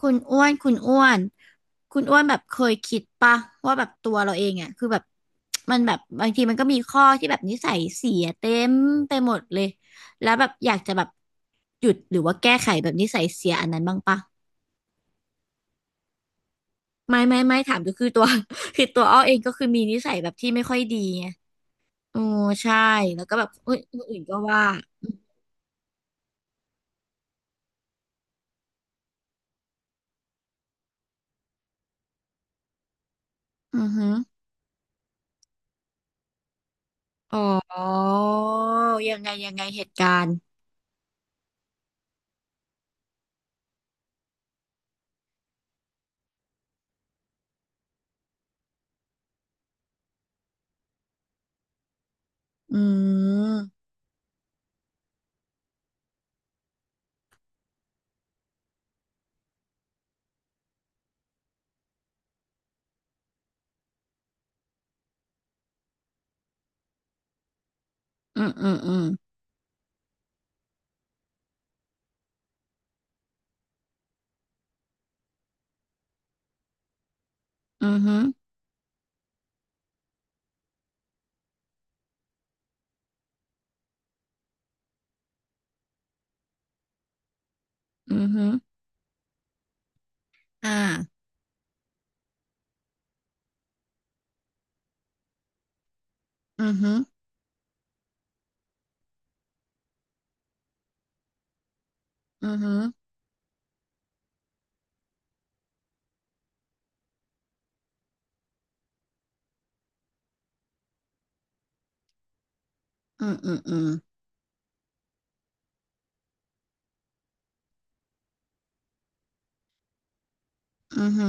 คุณอ้วน คุณอ้วน คุณอ้วนแบบเคยคิดปะว่าแบบตัวเราเองอ่ะคือแบบมันแบบบางทีมันก็มีข้อที่แบบนิสัยเสียเต็มไปหมดเลย แล้วแบบอยากจะแบบหยุดหรือว่าแก้ไขแบบนิสัยเสียอันนั้นบ้างปะ ไม่ไม่ถามก็คือตัว คือตัวอ้อเองก็คือมีนิสัยแบบที่ไม่ค่อยดีไงโอ้ใช่ แล้วก็แบบเอ้ยคนอื่นก็ว่าอือหืออ๋อยังไงยังไงเหตุการณ์อืมอืมอืมอือหือ อือฮึอ่าอือฮึอือฮึอืออือฮึ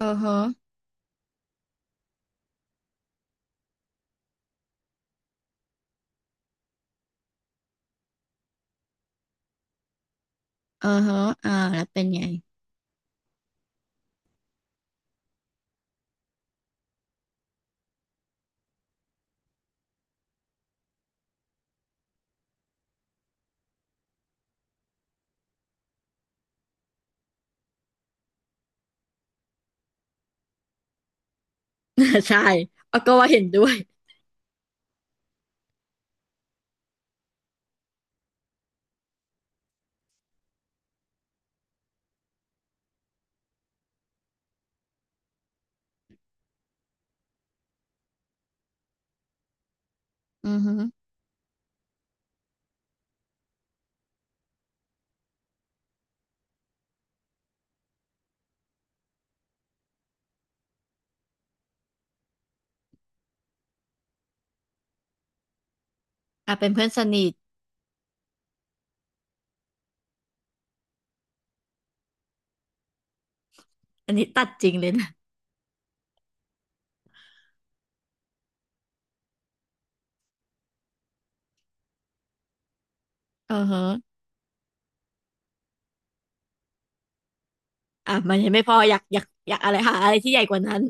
อือฮึอือฮึอ่าแล้วเป็นไง ใช่เอาก็ว่าเห็นด้วยอือฮึอ่าเป็นเพื่อนสนิทอันนี้ตัดจริงเลยนะอือฮึอ่ามันยังไม่พออยากอะไรหาอะไรที่ใหญ่กว่านั้น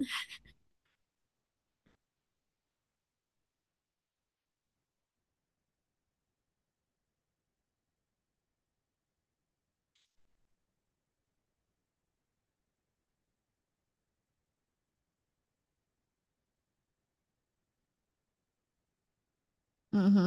อือฮึ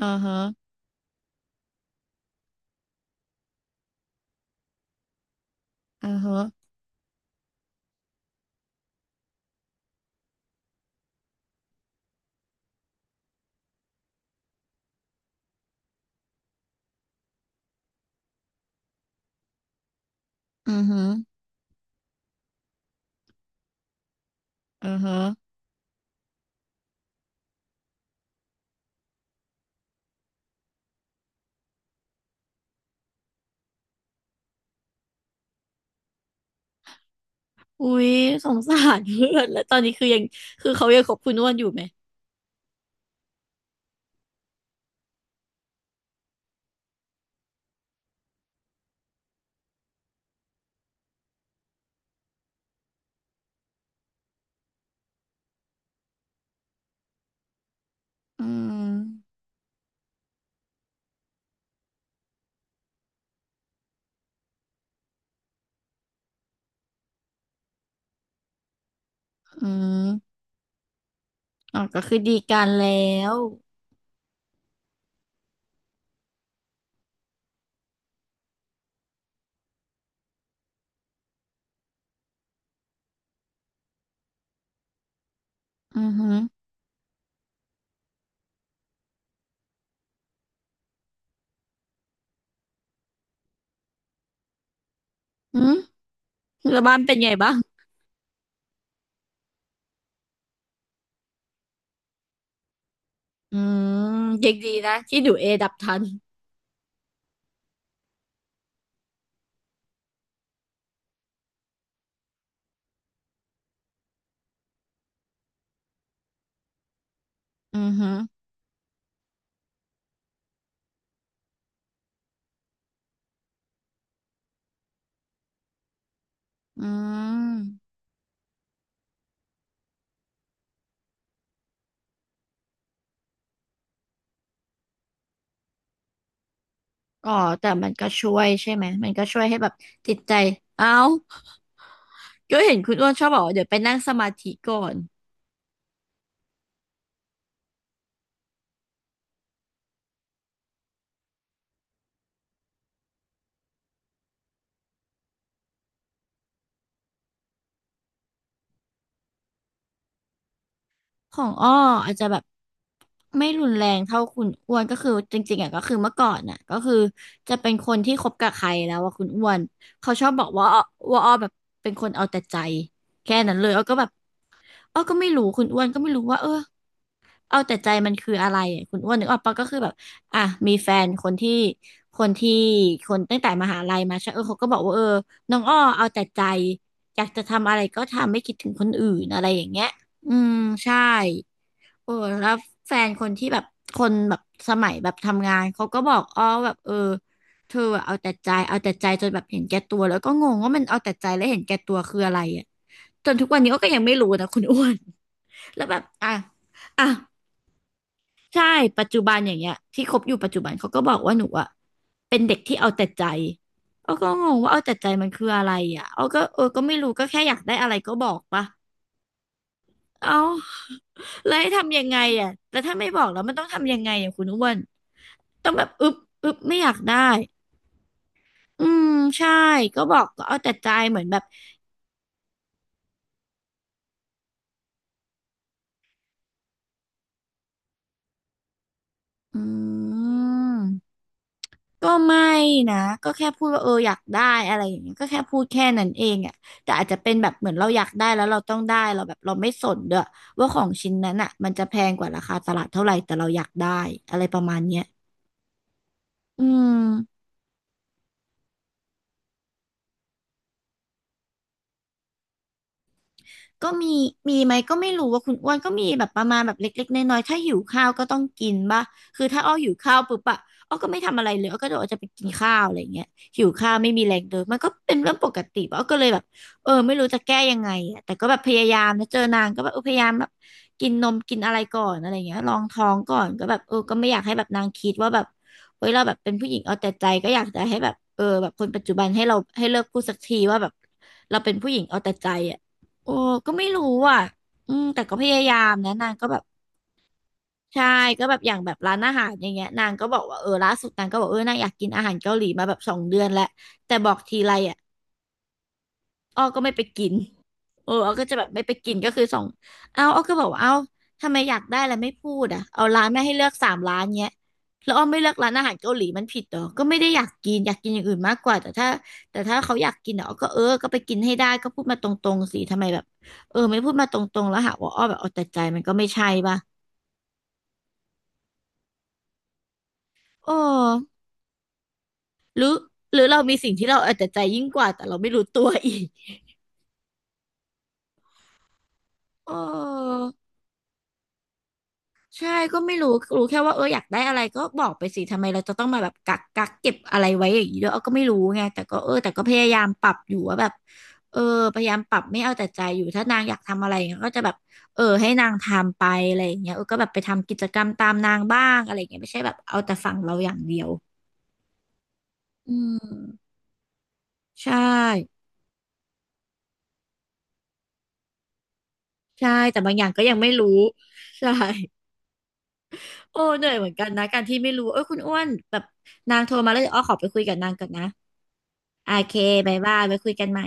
อือฮึอือฮึอือฮึอือฮึอุ๊ยสงสารเพื่อนแล้วตอนนี้คือยังคือเขายังคบคุณอ้วนอยู่ไหมอืมอืมอ๋อก็คือดีกันแล้วอือฮึ อืมแล้วบ้านเป็นไงบ้างอืมยังดีนะที่ดูเอดับทันอือหืออืมอ๋อ แต่มันก็ช่วยใช่ไหม มันก็ช่วยให้แบบจิตใจ เอ้าก็เห็นคุณอ้วนชอบบอกว่าเดี๋ยวไปนั่งสมาธิก่อนของอ้ออาจจะแบบไม่รุนแรงเท่าคุณอ้วนก็คือจริงๆอ่ะก็คือเมื่อก่อนอ่ะก็คือจะเป็นคนที่คบกับใครแล้วว่าคุณอ้วนเขาชอบบอกว่าอ้อว่าอ้อแบบเป็นคนเอาแต่ใจแค่นั้นเลยอ้อก็แบบอ้อก็ไม่รู้คุณอ้วนก็ไม่รู้ว่าเออ เอาแต่ใจมันคืออะไรอะคุณอ้วนนึกออกปะก็คือแบบอ่ะมีแฟนคนที่คนตั้งแต่มหาลัยมาใช่เออเขาก็บอกว่าเออน้องอ้อเอาแต่ใจอยากจะทำอะไรก็ทำไม่คิดถึงคนอื่นอะไรอย่างเงี้ยอืมใช่โอ้แล้วแฟนคนที่แบบคนแบบสมัยแบบทำงานเขาก็บอกอ้อแบบเออเธออะเอาแต่ใจเอาแต่ใจจนแบบเห็นแก่ตัวแล้วก็งงว่ามันเอาแต่ใจและเห็นแก่ตัวคืออะไรอ่ะจนทุกวันนี้อ้อก็ยังไม่รู้นะคุณอ้วน แล้วแบบอ่ะอ่ะ ใช่ปัจจุบันอย่างเงี้ยที่คบอยู่ปัจจุบันเขาก็บอกว่าหนูอะเป็นเด็กที่เอาแต่ใจอ้อก็งงว่าเอาแต่ใจมันคืออะไรอ่ะอ้อก็เออก็ไม่รู้ก็แค่อยากได้อะไรก็บอกปะเอ้าแล้วให้ทำยังไงอ่ะแต่ถ้าไม่บอกแล้วมันต้องทำยังไงอ่ะคุณอ้วนต้องแบบอึบอึบไม่อยากได้อืมใช่ก็บอกก็เอาแต่ใจเหมือนแบบอืม ก็ไม่นะก็แค่พูดว่าเอออยากได้อะไรอย่างเงี้ยก็แค่พูดแค่นั้นเองอ่ะแต่อาจจะเป็นแบบเหมือนเราอยากได้แล้วเราต้องได้เราแบบเราไม่สนด้วยว่าของชิ้นนั้นอ่ะมันจะแพงกว่าราคาตลาดเท่าไหร่แต่เราอยากได้อะไรประมาณเนี้ยอืม ก็มีมีไหมก็ไม่รู้ว่าคุณอ้วนก็มีแบบประมาณแบบเล็กๆน้อยๆถ้าหิวข้าวก็ต้องกินป่ะคือถ้าอ้อหิวข้าวปุ๊บอะอ้อก็ไม่ทำอะไรเลยอ้อก็เดี๋ยวอ้อจะไปกินข้าวอะไรอย่างเงี้ยหิวข้าวไม่มีแรงเดินมันก็เป็นเรื่องปกติป่ะอ้อก็เลยแบบเออไม่รู้จะแก้ยังไงอะแต่ก็แบบพยายามนะเจอนางก็แบบเออพยายามแบบกินนมกินอะไรก่อนอะไรอย่างเงี้ยลองท้องก่อนก็แบบเออก็ไม่อยากให้แบบนางคิดว่าแบบเฮ้ยเราแบบเป็นผู้หญิงเอาแต่ใจก็อยากจะให้แบบเออแบบคนปัจจุบันให้เราให้เลิกพูดสักทีว่าแบบเราเป็นผู้หญิงเอาแต่ใจอ่ะ โอ้ก็ไม่รู้อ่ะอืมแต่ก็พยายามนะนางก็แบบใช่ก็แบบอย่างแบบร้านอาหารอย่างเงี้ยนางก็บอกว่าเออล่าสุดนางก็บอกเออนางอยากกินอาหารเกาหลีมาแบบ2 เดือนแล้วแต่บอกทีไรอ่ะ อ้อก็ไม่ไปกินเอออ้อก็จะแบบไม่ไปกินก็คือส่งเอาอ้อก็บอกว่าเอาทำไมอยากได้แล้วไม่พูดอ่ะเอาร้านแม่ให้เลือก3 ร้านเนี้ยแล้วอ้อไม่เลือกร้านอาหารเกาหลีมันผิดเหรอก็ไม่ได้อยากกินอยากกินอย่างอื่นมากกว่าแต่ถ้าเขาอยากกินอ่ะอ้อก็เออก็ไปกินให้ได้ก็พูดมาตรงๆสิทำไมแบบเออไม่พูดมาตรงๆแล้วหาว่าอ้อแบบเอาแต่ใจมันก็ไม่ใช่ป่ะโอ้หรือหรือเรามีสิ่งที่เราเอาแต่ใจยิ่งกว่าแต่เราไม่รู้ตัวอีกโอ้ ใช่ก็ไม่รู้รู้แค่ว่าเอออยากได้อะไรก็บอกไปสิทำไมเราจะต้องมาแบบกักเก็บอะไรไว้อย่างนี้ด้วยเออก็ไม่รู้ไงแต่ก็เออแต่ก็พยายามปรับอยู่ว่าแบบเออพยายามปรับไม่เอาแต่ใจอยู่ถ้านางอยากทำอะไรอย่างเงี้ยก็จะแบบเออให้นางทำไปอะไรอย่างเงี้ยเออก็แบบไปทำกิจกรรมตามนางบ้างอะไรอย่างเงี้ยไม่ใช่แบบเอาแต่ฝั่งเราอย่างเดียวอืมใช่ใช่แต่บางอย่างก็ยังไม่รู้ใช่โอ้เหนื่อยเหมือนกันนะการที่ไม่รู้เออคุณอ้วนแบบนางโทรมาแล้วเดี๋ยวอ้อขอไปคุยกับนางก่อนนะ โอเคบายบายไว้คุยกันใหม่